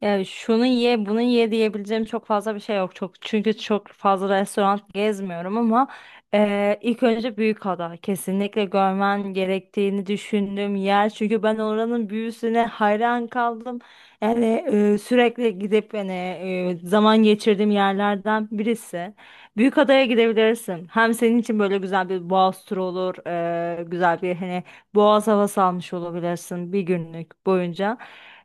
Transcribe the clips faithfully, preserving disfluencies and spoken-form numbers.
Ya şunu ye, bunu ye diyebileceğim çok fazla bir şey yok. Çok çünkü çok fazla restoran gezmiyorum ama eee, ilk önce Büyükada kesinlikle görmen gerektiğini düşündüğüm yer. Çünkü ben oranın büyüsüne hayran kaldım. Yani eee, sürekli gidip hani eee, zaman geçirdiğim yerlerden birisi. Büyükada'ya gidebilirsin. Hem senin için böyle güzel bir boğaz turu olur, eee, güzel bir hani boğaz havası almış olabilirsin bir günlük boyunca.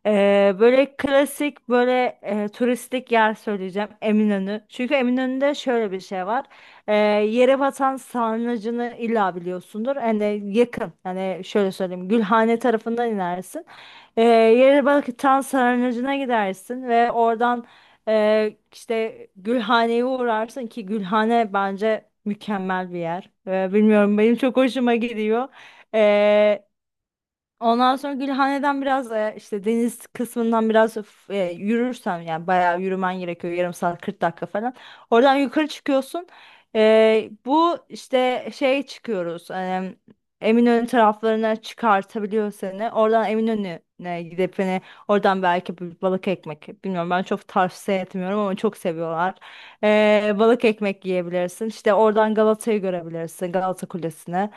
Ee, böyle klasik böyle e, turistik yer söyleyeceğim Eminönü. Çünkü Eminönü'nde şöyle bir şey var. Ee, yere batan sarnıcını illa biliyorsundur. Hani yakın. Hani şöyle söyleyeyim. Gülhane tarafından inersin. Ee, yere batan sarnıcına gidersin ve oradan e, işte Gülhane'ye uğrarsın ki Gülhane bence mükemmel bir yer. Ee, bilmiyorum benim çok hoşuma gidiyor. Ondan sonra Gülhane'den biraz e, işte deniz kısmından biraz e, yürürsen yani bayağı yürümen gerekiyor yarım saat kırk dakika falan. Oradan yukarı çıkıyorsun. E, bu işte şey çıkıyoruz. em, Eminönü taraflarına çıkartabiliyor seni. Oradan Eminönü'ne gidip hani oradan belki bir balık ekmek. Bilmiyorum ben çok tavsiye etmiyorum ama çok seviyorlar. E, balık ekmek yiyebilirsin. İşte oradan Galata'yı görebilirsin. Galata Kulesi'ne.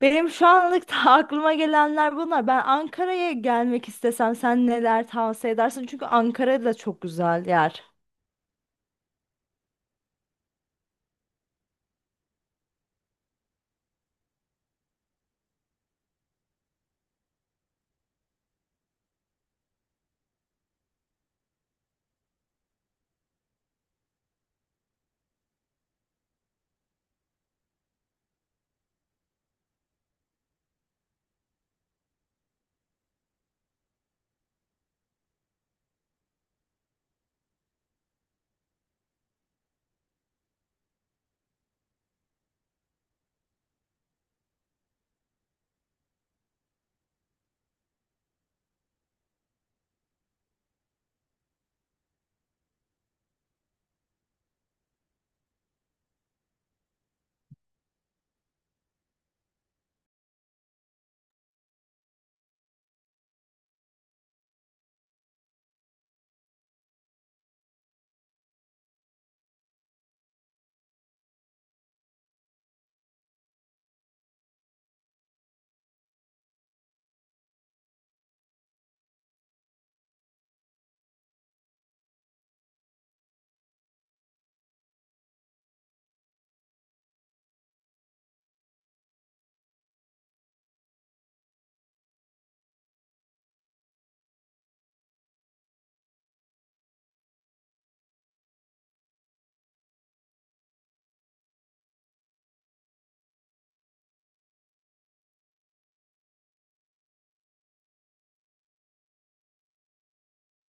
Benim şu anlık da aklıma gelenler bunlar. Ben Ankara'ya gelmek istesem sen neler tavsiye edersin? Çünkü Ankara da çok güzel yer.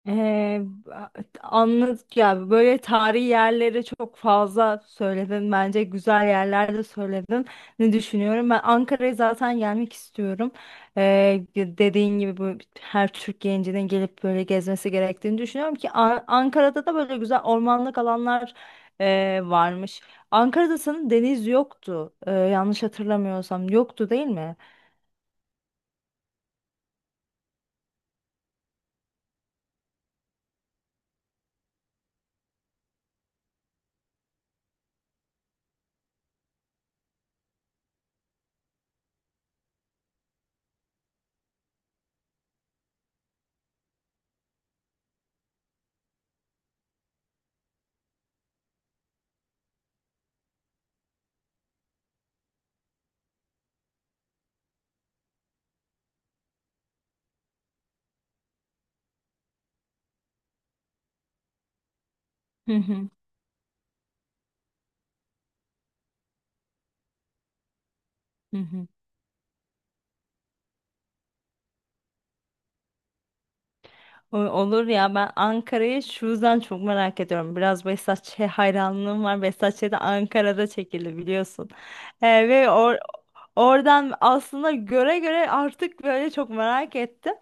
Ee, a- Anladık ya böyle tarihi yerleri çok fazla söyledin, bence güzel yerler de söyledin. Ne düşünüyorum, ben Ankara'ya zaten gelmek istiyorum. Ee, dediğin gibi bu her Türk gencinin gelip böyle gezmesi gerektiğini düşünüyorum ki An- Ankara'da da böyle güzel ormanlık alanlar e, varmış. Ankara'da sanırım deniz yoktu. Ee, yanlış hatırlamıyorsam yoktu, değil mi? Hı hı. Hı hı. O- Olur ya, ben Ankara'yı şu yüzden çok merak ediyorum. Biraz Behzatçı'ya hayranlığım var. Behzatçı da Ankara'da çekildi biliyorsun. Ee, ve or oradan aslında göre göre artık böyle çok merak ettim.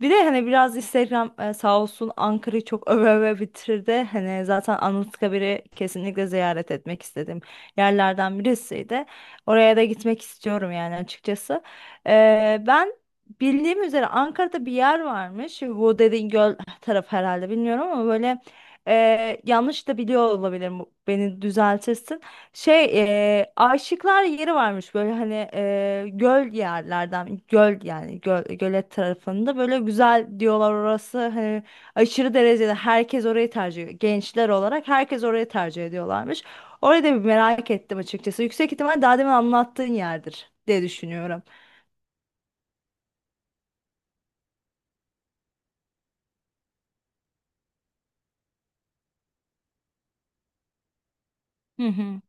Bir de hani biraz Instagram e, sağ olsun Ankara'yı çok öve öve bitirdi. Hani zaten Anıtkabir'i kesinlikle ziyaret etmek istediğim yerlerden birisiydi. Oraya da gitmek istiyorum yani açıkçası. Ee, ben bildiğim üzere Ankara'da bir yer varmış. Bu dediğin göl tarafı herhalde, bilmiyorum, ama böyle e, yanlış da biliyor olabilirim. Bu- Beni düzeltirsin. Şey e, Aşıklar yeri varmış böyle hani e, göl yerlerden göl yani göl, gölet tarafında böyle güzel diyorlar, orası hani aşırı derecede herkes orayı tercih ediyor. Gençler olarak herkes orayı tercih ediyorlarmış. Orayı da bir merak ettim açıkçası. Yüksek ihtimal daha demin anlattığın yerdir diye düşünüyorum. Hı hı.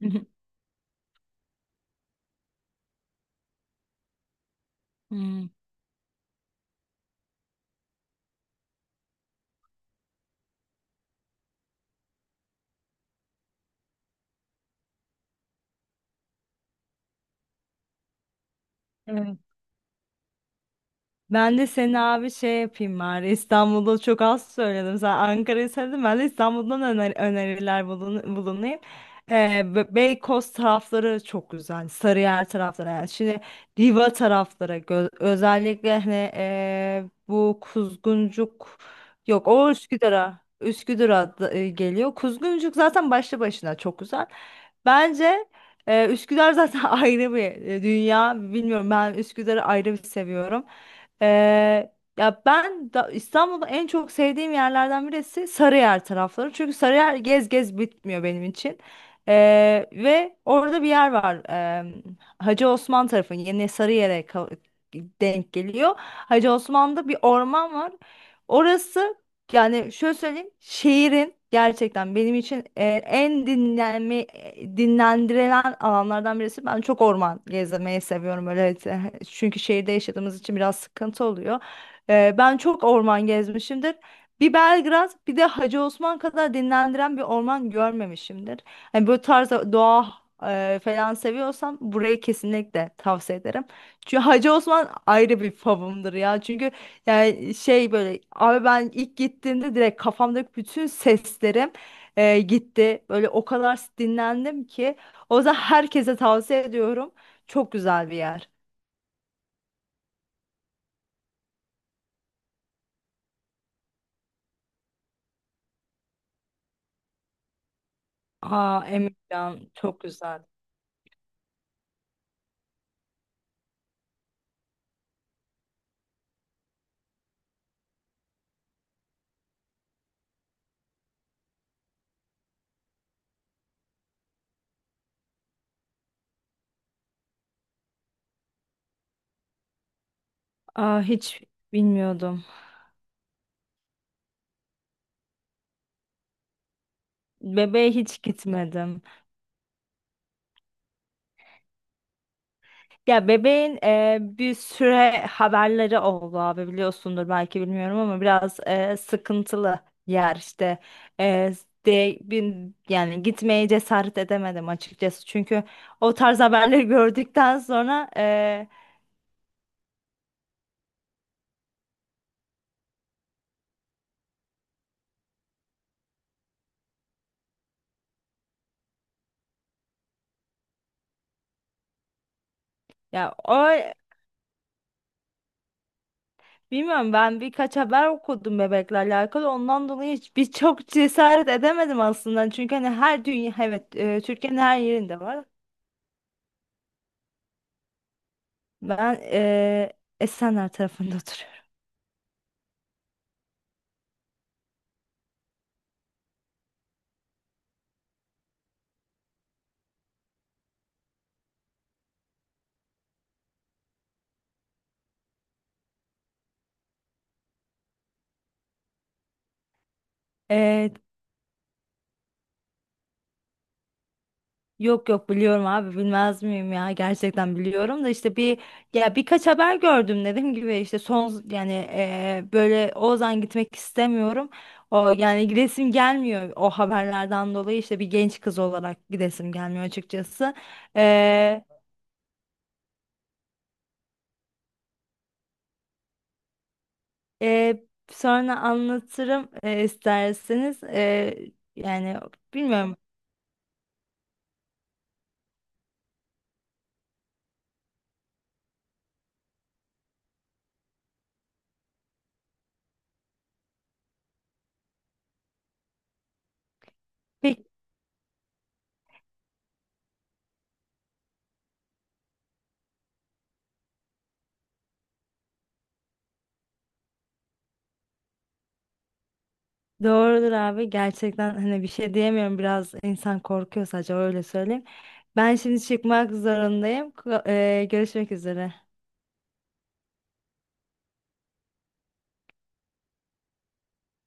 Hı hı. Evet. Ben de seni abi şey yapayım bari, İstanbul'da çok az söyledim, sen Ankara'yı söyledin, ben de İstanbul'dan öner- öneriler bulun bulunayım. Ee, Be- Beykoz tarafları çok güzel, Sarıyer tarafları. Yani şimdi Diva tarafları gö- özellikle hani ee, bu Kuzguncuk, yok o Üsküdar'a, Üsküdar'a da- e, geliyor Kuzguncuk, zaten başlı başına çok güzel bence. ee, Üsküdar zaten ayrı bir e, dünya. Bilmiyorum, ben Üsküdar'ı ayrı bir seviyorum. Ee, ya ben da İstanbul'da en çok sevdiğim yerlerden birisi Sarıyer tarafları. Çünkü Sarıyer gez gez bitmiyor benim için. Ee, ve orada bir yer var. Ee, Hacı Osman tarafı yine Sarıyer'e ka- denk geliyor. Hacı Osman'da bir orman var. Orası, yani şöyle söyleyeyim, şiirin gerçekten benim için e, en dinlenme e, dinlendirilen alanlardan birisi. Ben çok orman gezmeyi seviyorum öyle. e, Çünkü şehirde yaşadığımız için biraz sıkıntı oluyor. E, ben çok orman gezmişimdir. Bir Belgrad, bir de Hacı Osman kadar dinlendiren bir orman görmemişimdir. Hani böyle tarz doğa e, falan seviyorsam, burayı kesinlikle tavsiye ederim. Çünkü Hacı Osman ayrı bir favımdır ya. Çünkü yani şey, böyle abi ben ilk gittiğimde direkt kafamdaki bütün seslerim e, gitti. Böyle o kadar dinlendim ki. O yüzden herkese tavsiye ediyorum. Çok güzel bir yer. Aa, Emirgan çok güzel. Aa, hiç bilmiyordum. Bebeğe hiç gitmedim. Ya bebeğin e, bir süre haberleri oldu abi, biliyorsundur belki, bilmiyorum, ama biraz e, sıkıntılı yer işte. E, de, bin- Yani gitmeye cesaret edemedim açıkçası, çünkü o tarz haberleri gördükten sonra e, ya o bilmiyorum, ben birkaç haber okudum bebekle alakalı, ondan dolayı hiç birçok cesaret edemedim aslında, çünkü hani her dünya, evet, e, Türkiye'nin her yerinde var. Ben e, Esenler tarafında oturuyorum. Yok yok, biliyorum abi, bilmez miyim ya, gerçekten biliyorum da, işte bir, ya birkaç haber gördüm, dediğim gibi işte son yani e, böyle Ozan gitmek istemiyorum, o yani gidesim gelmiyor, o haberlerden dolayı işte bir genç kız olarak gidesim gelmiyor açıkçası. E, e, Sonra anlatırım e, isterseniz. E, yani bilmiyorum. Doğrudur abi, gerçekten hani bir şey diyemiyorum, biraz insan korkuyor, sadece öyle söyleyeyim. Ben şimdi çıkmak zorundayım. Ku- eee, görüşmek üzere.